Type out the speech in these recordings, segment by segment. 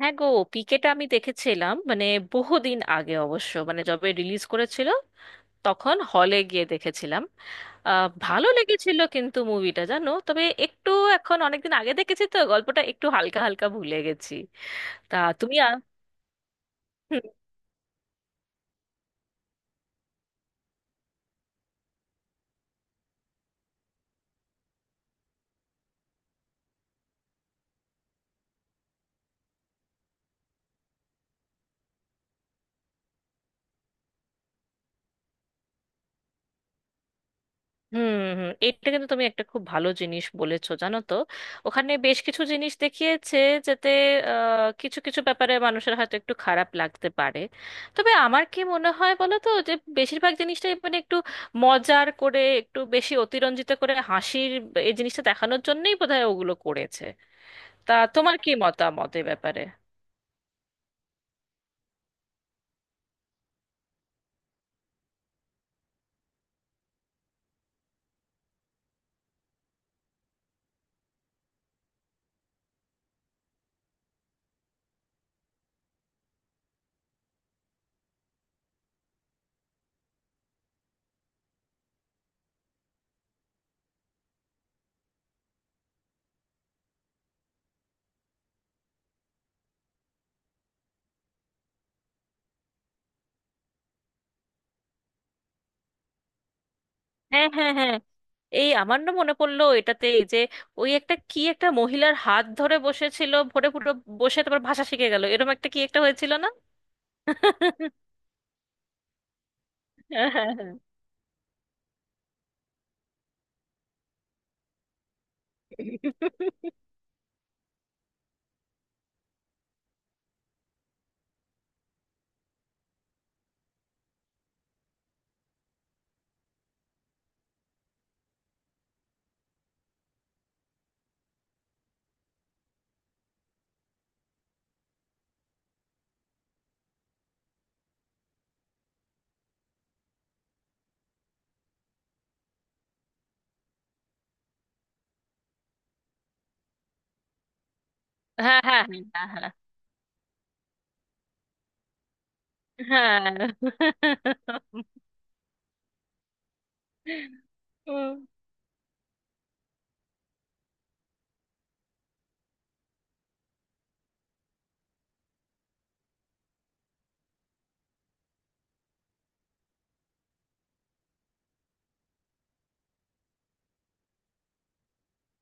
হ্যাঁ গো, পিকেটা আমি দেখেছিলাম, মানে বহুদিন আগে অবশ্য, মানে যবে রিলিজ করেছিল তখন হলে গিয়ে দেখেছিলাম। ভালো লেগেছিল কিন্তু মুভিটা, জানো, তবে একটু এখন অনেকদিন আগে দেখেছি তো গল্পটা একটু হালকা হালকা ভুলে গেছি। তা তুমি হুম, হুম, হুম। এটা কিন্তু তুমি একটা খুব ভালো জিনিস বলেছো, জানো তো। ওখানে বেশ কিছু জিনিস দেখিয়েছে যাতে কিছু কিছু ব্যাপারে মানুষের হয়তো একটু খারাপ লাগতে পারে। তবে আমার কি মনে হয় বলো তো, যে বেশিরভাগ জিনিসটাই মানে একটু মজার করে, একটু বেশি অতিরঞ্জিত করে হাসির এই জিনিসটা দেখানোর জন্যই বোধহয় ওগুলো করেছে। তা তোমার কি মতামত এ ব্যাপারে? হ্যাঁ, হ্যাঁ, হ্যাঁ। এই আমার না মনে পড়লো এটাতে, এই যে ওই একটা কি একটা মহিলার হাত ধরে বসেছিল ভরে পুরো, বসে তারপর ভাষা শিখে গেল, এরকম একটা কি একটা হয়েছিল না? হ্যাঁ, হ্যাঁ, হ্যাঁ। হ্যাঁ, হ্যাঁ, হ্যাঁ। হ্যাঁ। উম,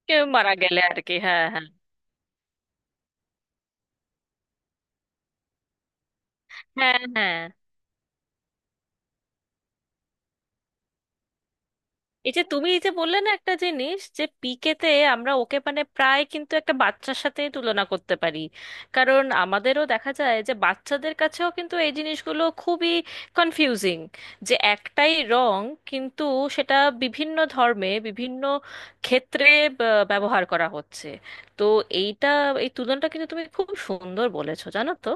কেউ মারা গেলে আর কি, হ্যাঁ, হ্যাঁ। হ্যাঁ, হ্যাঁ, এই যে তুমি এই যে বললে না একটা জিনিস, যে পিকেতে আমরা ওকে মানে প্রায় কিন্তু একটা বাচ্চার সাথে তুলনা করতে পারি। কারণ আমাদেরও দেখা যায় যে বাচ্চাদের কাছেও কিন্তু এই জিনিসগুলো খুবই কনফিউজিং, যে একটাই রং কিন্তু সেটা বিভিন্ন ধর্মে বিভিন্ন ক্ষেত্রে ব্যবহার করা হচ্ছে। তো এইটা, এই তুলনাটা কিন্তু তুমি খুব সুন্দর বলেছো, জানো তো।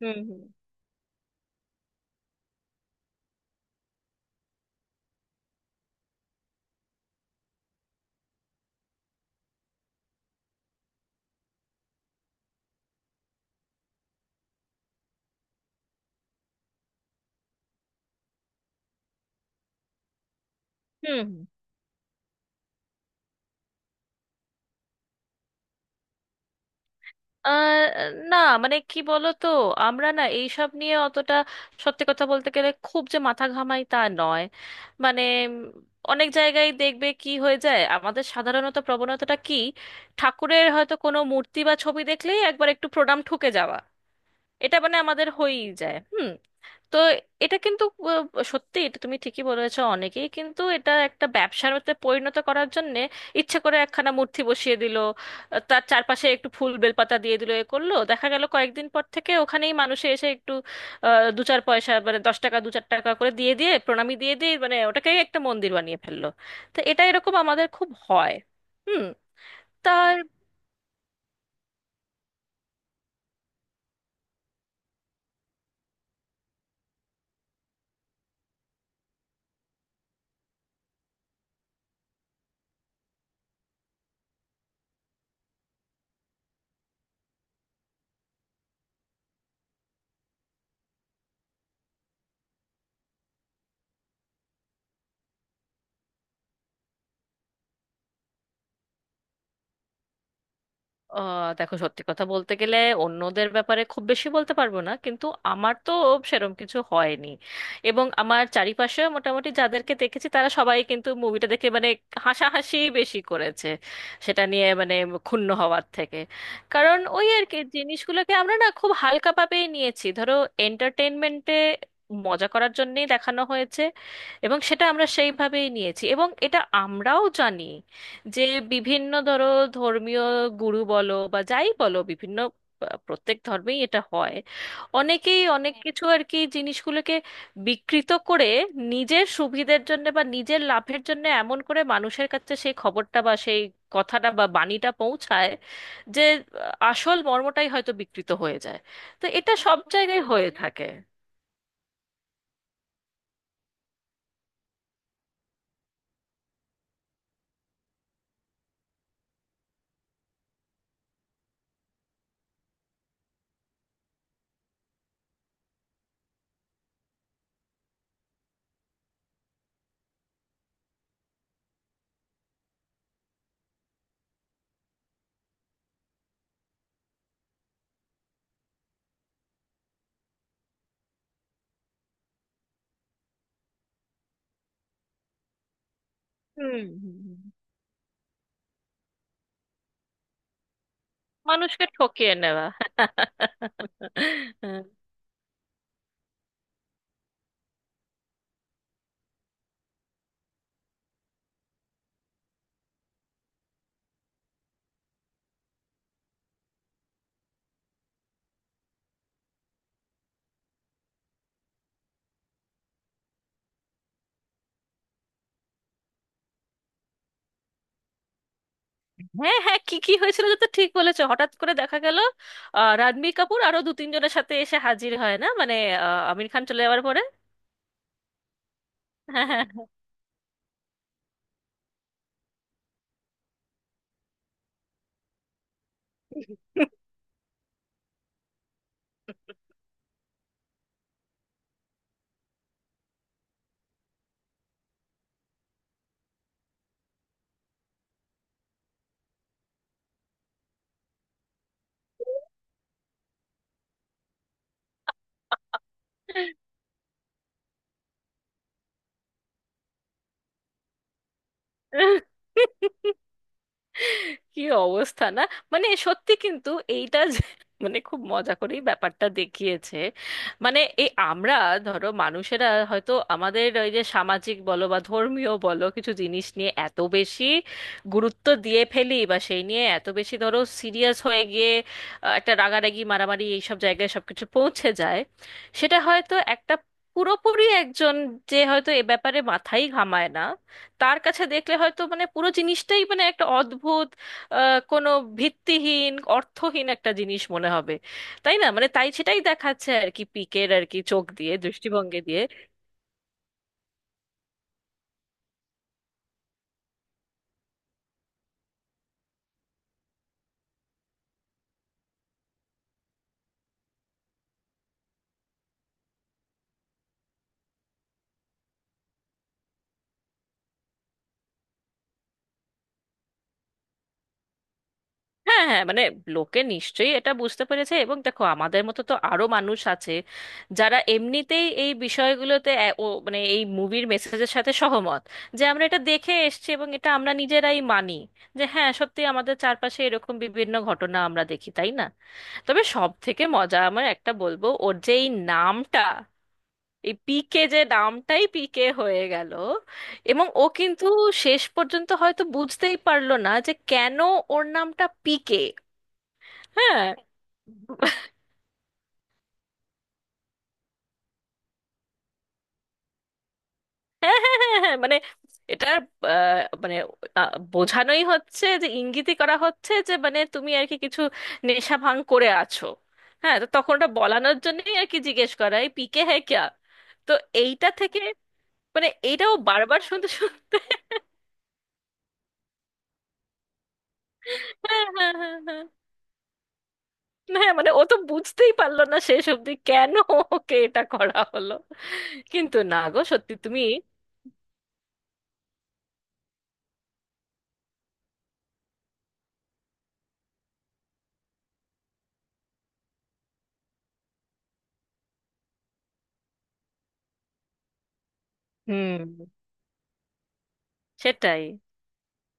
হুম, হুম, হুম। আহ, না, মানে কি বলতো, আমরা না এইসব নিয়ে অতটা সত্যি কথা বলতে গেলে খুব যে মাথা ঘামাই তা নয়। মানে উম, অনেক জায়গায় দেখবে কি হয়ে যায়, আমাদের সাধারণত প্রবণতাটা কি, ঠাকুরের হয়তো কোনো মূর্তি বা ছবি দেখলেই একবার একটু প্রণাম ঠুকে যাওয়া, এটা মানে আমাদের হয়েই যায়। হুম। তো এটা কিন্তু সত্যি এটা তুমি ঠিকই বলেছো, অনেকেই কিন্তু এটা একটা ব্যবসার মধ্যে পরিণত করার জন্য ইচ্ছে করে একখানা মূর্তি বসিয়ে দিল, তার চারপাশে একটু ফুল বেলপাতা দিয়ে দিল, এ করলো, দেখা গেল কয়েকদিন পর থেকে ওখানেই মানুষে এসে একটু আহ, দু চার পয়সা মানে 10 টাকা দু চার টাকা করে দিয়ে দিয়ে প্রণামী দিয়ে দিয়ে মানে ওটাকেই একটা মন্দির বানিয়ে ফেললো। তো এটা এরকম আমাদের খুব হয়। হুম। তা দেখো, সত্যি কথা বলতে গেলে অন্যদের ব্যাপারে খুব বেশি বলতে পারবো না, কিন্তু আমার তো সেরম কিছু হয়নি। এবং আমার চারিপাশে মোটামুটি যাদেরকে দেখেছি তারা সবাই কিন্তু মুভিটা দেখে মানে হাসাহাসি বেশি করেছে সেটা নিয়ে, মানে ক্ষুণ্ণ হওয়ার থেকে। কারণ ওই আর কি জিনিসগুলোকে আমরা না খুব হালকাভাবেই নিয়েছি, ধরো এন্টারটেনমেন্টে মজা করার জন্যেই দেখানো হয়েছে এবং সেটা আমরা সেইভাবেই নিয়েছি। এবং এটা আমরাও জানি যে বিভিন্ন ধরো ধর্মীয় গুরু বলো বা যাই বলো, বিভিন্ন, প্রত্যেক ধর্মেই এটা হয়। অনেকেই অনেক কিছু আর কি জিনিসগুলোকে বিকৃত করে নিজের সুবিধের জন্য বা নিজের লাভের জন্য, এমন করে মানুষের কাছে সেই খবরটা বা সেই কথাটা বা বাণীটা পৌঁছায় যে আসল মর্মটাই হয়তো বিকৃত হয়ে যায়। তো এটা সব জায়গায় হয়ে থাকে। হুম, হুম। হুম। মানুষকে ঠকিয়ে নেওয়া। হ্যাঁ, হ্যাঁ, কি কি হয়েছিল যে, তো ঠিক বলেছো, হঠাৎ করে দেখা গেল রণবীর কাপুর আরো দু তিনজনের সাথে এসে হাজির হয় না, মানে আমির খান চলে যাওয়ার পরে। হ্যাঁ। হ্যাঁ। হ্যাঁ। কি অবস্থা না, মানে সত্যি কিন্তু এইটা যে- মানে খুব মজা করেই ব্যাপারটা দেখিয়েছে। মানে এই আমরা ধরো মানুষেরা হয়তো আমাদের ওই যে সামাজিক বলো বা ধর্মীয় বলো কিছু জিনিস নিয়ে এত বেশি গুরুত্ব দিয়ে ফেলি, বা সেই নিয়ে এত বেশি ধরো সিরিয়াস হয়ে গিয়ে একটা রাগারাগি মারামারি এইসব জায়গায় সবকিছু পৌঁছে যায়। সেটা হয়তো একটা পুরোপুরি একজন, যে হয়তো এ ব্যাপারে মাথাই ঘামায় না, তার কাছে দেখলে হয়তো মানে পুরো জিনিসটাই মানে একটা অদ্ভুত কোনো ভিত্তিহীন অর্থহীন একটা জিনিস মনে হবে, তাই না? মানে তাই সেটাই দেখাচ্ছে আর কি, পিকের আর কি চোখ দিয়ে, দৃষ্টিভঙ্গি দিয়ে। হ্যাঁ, হ্যাঁ, মানে লোকে নিশ্চয়ই এটা বুঝতে পেরেছে। এবং দেখো আমাদের মতো তো আরো মানুষ আছে যারা এমনিতেই এই বিষয়গুলোতে ও, মানে এই মুভির মেসেজের সাথে সহমত, যে আমরা এটা দেখে এসেছি এবং এটা আমরা নিজেরাই মানি, যে হ্যাঁ সত্যি আমাদের চারপাশে এরকম বিভিন্ন ঘটনা আমরা দেখি, তাই না। তবে সব থেকে মজা আমার একটা বলবো, ওর যে এই নামটা, এই পিকে যে নামটাই পিকে হয়ে গেল, এবং ও কিন্তু শেষ পর্যন্ত হয়তো বুঝতেই পারলো না যে কেন ওর নামটা পিকে। হ্যাঁ, হ্যাঁ, হ্যাঁ, হ্যাঁ, হ্যাঁ, মানে এটা মানে বোঝানোই হচ্ছে, যে ইঙ্গিতই করা হচ্ছে যে মানে তুমি আর কি কিছু নেশা ভাঙ করে আছো। হ্যাঁ, তো তখন ওটা বলানোর জন্যই আর কি জিজ্ঞেস করা, এই পিকে হ্যাঁ ক্যা। তো এইটা থেকে মানে এইটাও বারবার শুনতে শুনতে হ্যাঁ, হ্যাঁ, হ্যাঁ, হ্যাঁ। হ্যাঁ, মানে ও তো বুঝতেই পারলো না শেষ অবধি কেন ওকে এটা করা হলো। কিন্তু না গো, সত্যি তুমি হুম, সেটাই।